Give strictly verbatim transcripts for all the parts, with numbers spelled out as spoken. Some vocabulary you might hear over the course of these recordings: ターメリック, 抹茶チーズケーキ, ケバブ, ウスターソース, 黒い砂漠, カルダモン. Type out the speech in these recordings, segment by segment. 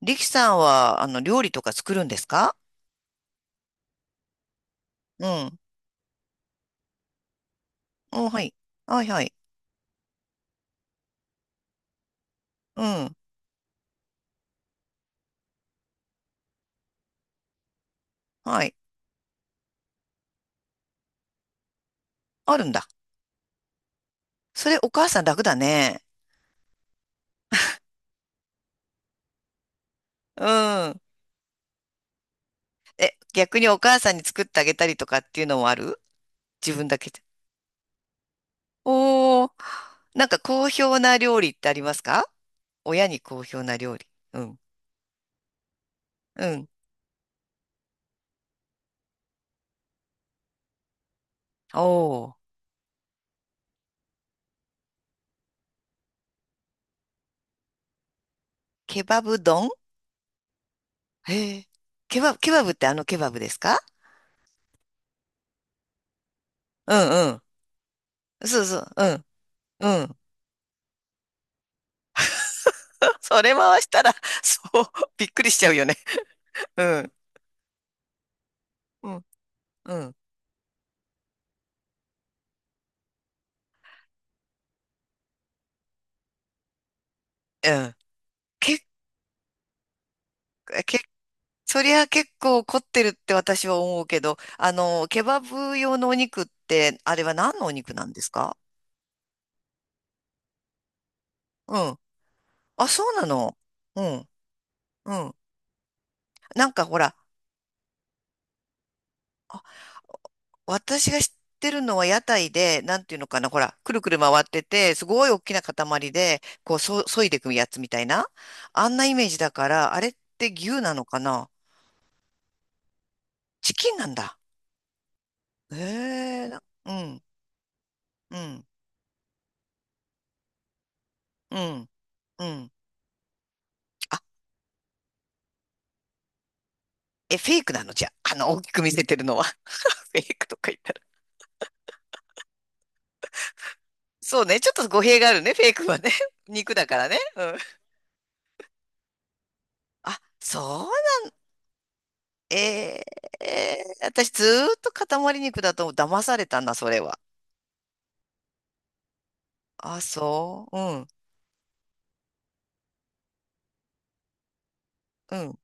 力さんは、あの、料理とか作るんですか？うん。うん、はい。はい、はい。うん、はい。あるんだ。それ、お母さん楽だね。うん。え、逆にお母さんに作ってあげたりとかっていうのもある？自分だけで。おー。なんか好評な料理ってありますか？親に好評な料理。うん。うん。おー。ケバブ丼？へえ。ケバブ、ケバブってあのケバブですか？うんうん。そうそう。うん。うん。それ回したら、そう、びっくりしちゃうよね。うん、うん、うん、うん。け、け、そりゃ結構凝ってるって私は思うけど、あの、ケバブ用のお肉って、あれは何のお肉なんですか？うん。あ、そうなの。うん、うん。なんかほら、あ、私が知ってるのは屋台で、なんていうのかな、ほら、くるくる回ってて、すごい大きな塊で、こう、そ、削いでいくやつみたいな。あんなイメージだから、あれって牛なのかな？チキンなんだ。へえ、な、うん、うん、うん。うん、あ、え、フェイクなの？じゃあ、あの、大きく見せてるのは。フェイクとか言ったら。そうね、ちょっと語弊があるね、フェイクはね。肉だからね。うん。あ、そう、えー、えー私ずーっと塊肉だと騙されたんだ、それは。あ、そう。うん、うん、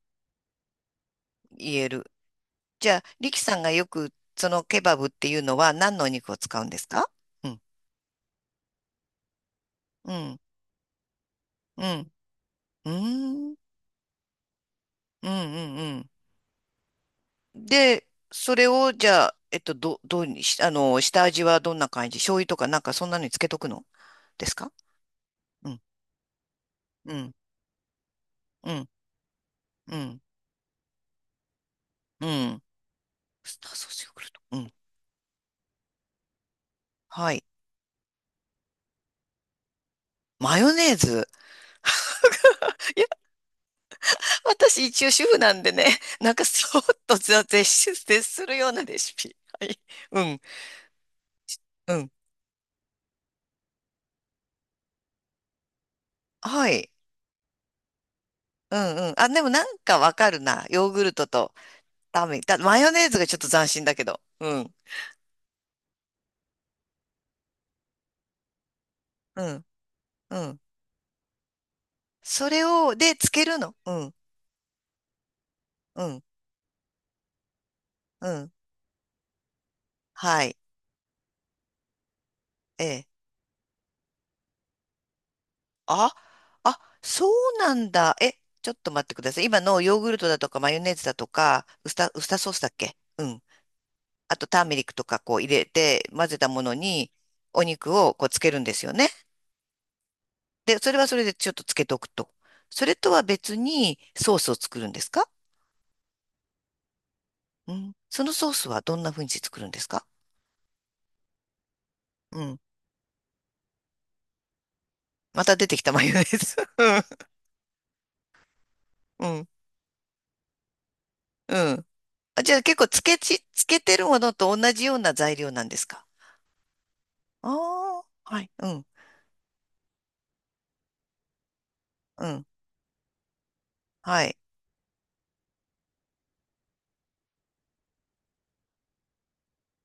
言える。じゃあ、リキさんがよく、そのケバブっていうのは何のお肉を使うんですか？うん、うん、うん、うん、うん、うん、うん。で、それを、じゃあ、えっと、ど、どうにし、あの、下味はどんな感じ？醤油とかなんかそんなのにつけとくのですか？うん、うん、うん、うん、うん。ウスターソース、ヨーグルト。うん。はい。マヨネーズ。いや、私一応主婦なんでね、なんかそっと絶絶絶するようなレシピ。はい。うん、うん。はい。うんうん。あ、でもなんかわかるな。ヨーグルトとラーメン。だ、マヨネーズがちょっと斬新だけど。うん。うん。うん。それを、で、つけるの。うん。うん、うん。はい。ええ。あ、あ、そうなんだ。え、ちょっと待ってください。今のヨーグルトだとかマヨネーズだとか、ウスタ、ウスターソースだっけ？うん。あとターメリックとかこう入れて混ぜたものにお肉をこうつけるんですよね。で、それはそれでちょっとつけとくと。それとは別にソースを作るんですか？うん。そのソースはどんな風にして作るんですか？うん。また出てきたマヨネーズ。うん。うん。あ、じゃあ結構つけち、つけてるものと同じような材料なんですか？ああ、はい、うん、うん、はい、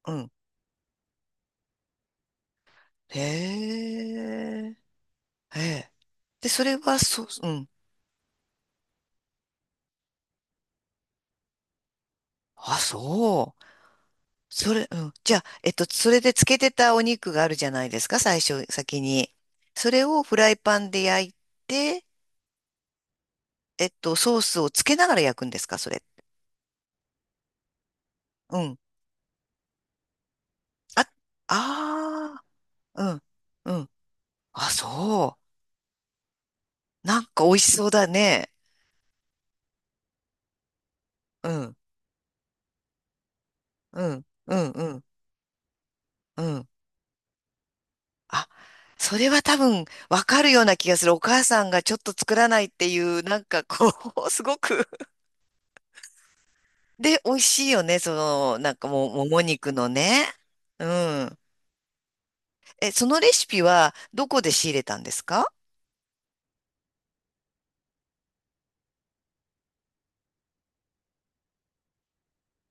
うん。へえ、へえ。で、それは、そう、うん。あ、そう。それ、うん。じゃあ、えっと、それで漬けてたお肉があるじゃないですか、最初、先に。それをフライパンで焼いて、えっと、ソースをつけながら焼くんですか、それ。うん。あ、ああ、うん、うん。あ、そう。なんか美味しそうだね。うん、うん、うん、うん、うん。あ、それは多分わかるような気がする。お母さんがちょっと作らないっていう、なんかこう、すごく。で、美味しいよね。その、なんかもう、もも肉のね。うん。え、そのレシピはどこで仕入れたんですか？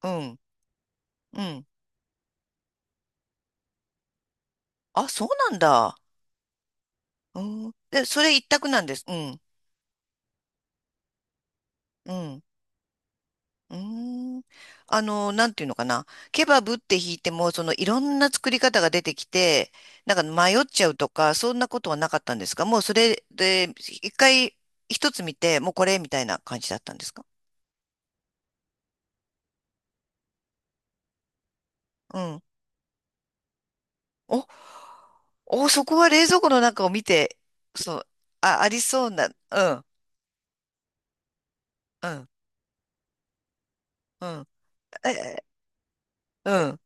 うん。うん。あ、そうなんだ。うん。で、それ一択なんです。うん。うん。うーん。あの、なんていうのかな。ケバブって弾いても、そのいろんな作り方が出てきて、なんか迷っちゃうとか、そんなことはなかったんですか？もうそれで、一回一つ見て、もうこれみたいな感じだったんですか？うん。お、お、そこは冷蔵庫の中を見て、そう、あ、ありそうな、うん、うん、うん。え、うん。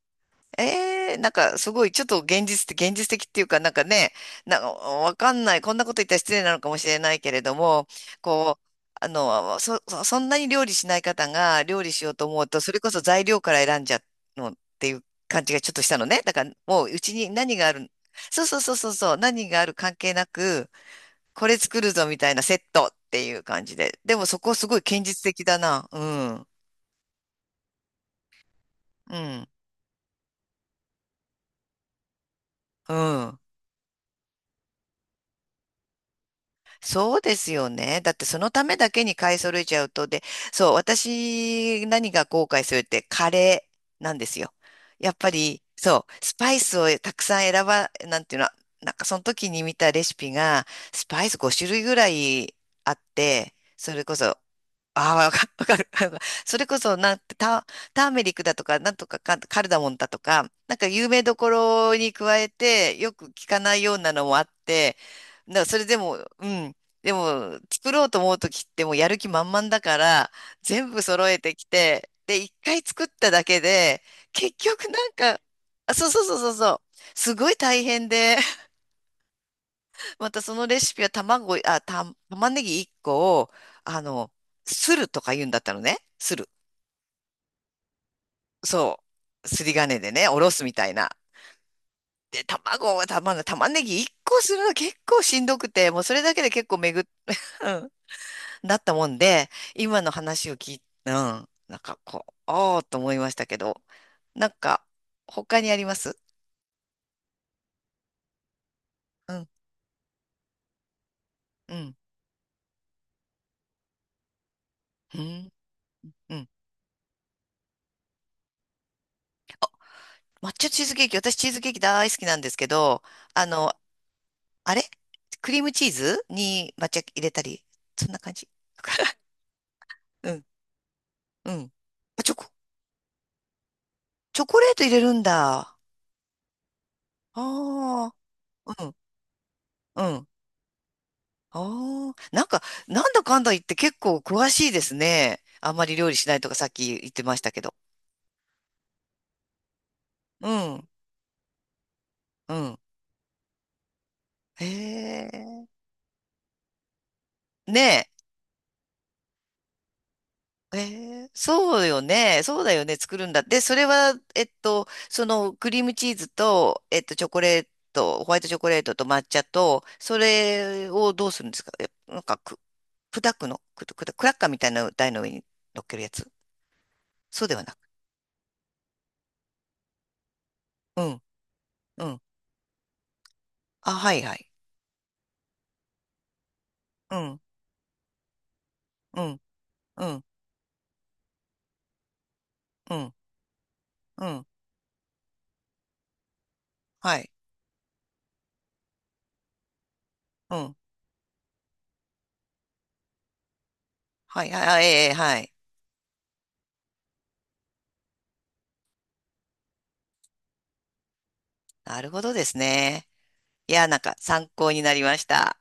ええ、なんかすごい、ちょっと現実的、現実的っていうか、なんかね、なんかわかんない、こんなこと言ったら失礼なのかもしれないけれども、こう、あの、そ、そそんなに料理しない方が料理しようと思うと、それこそ材料から選んじゃうのっていう感じがちょっとしたのね。だからもううちに何がある、そうそうそうそうそう、何がある関係なく、これ作るぞみたいなセットっていう感じで。でもそこすごい現実的だな。うん。うん。うん。そうですよね。だってそのためだけに買い揃えちゃうと、で、そう、私何が後悔するってカレーなんですよ。やっぱり、そう、スパイスをたくさん選ば、なんていうの、なんかその時に見たレシピが、スパイスご種類ぐらいあって、それこそああ、わか、わかる。わかる、それこそ、なんて、タ、ターメリックだとか、なんとかか、カルダモンだとか、なんか有名どころに加えて、よく聞かないようなのもあって、な、それでも、うん。でも、作ろうと思うときってもうやる気満々だから、全部揃えてきて、で、一回作っただけで、結局なんか、あ、そうそうそうそうそう、すごい大変で、またそのレシピは卵、あ、た、玉ねぎいっこを、あの、するとか言うんだったのね。する。そう。すり金でね、おろすみたいな。で、卵は玉、玉ねぎいっこするの結構しんどくて、もうそれだけで結構めぐっ、うん、なったもんで、今の話を聞い、うん、なんかこう、ああと思いましたけど、なんか、他にあります？うん、うん、うん、うん。抹茶チーズケーキ、私チーズケーキ大好きなんですけど、あの、あれクリームチーズに抹茶入れたり、そんな感じ。うん、うん。あ、チョコ、チョコレート入れるんだ。ああ、うん、うん。ああ、なんか、なんだかんだ言って結構詳しいですね。あんまり料理しないとかさっき言ってましたけど。うん、うん。へえ。ねえ。ええ、そうよね。そうだよね。作るんだって。で、それは、えっと、そのクリームチーズと、えっと、チョコレート、ホワイトチョコレートと抹茶と、それをどうするんですか？え、なんかく、砕くのく、くだ、クラッカーみたいな台の上に乗っけるやつ、そうではなく。うん、うん。あ、はいはい。うん、うん、うん、うん、うん。はい、うん。はい、はい、あ、ええ、はい。なるほどですね。いや、なんか参考になりました。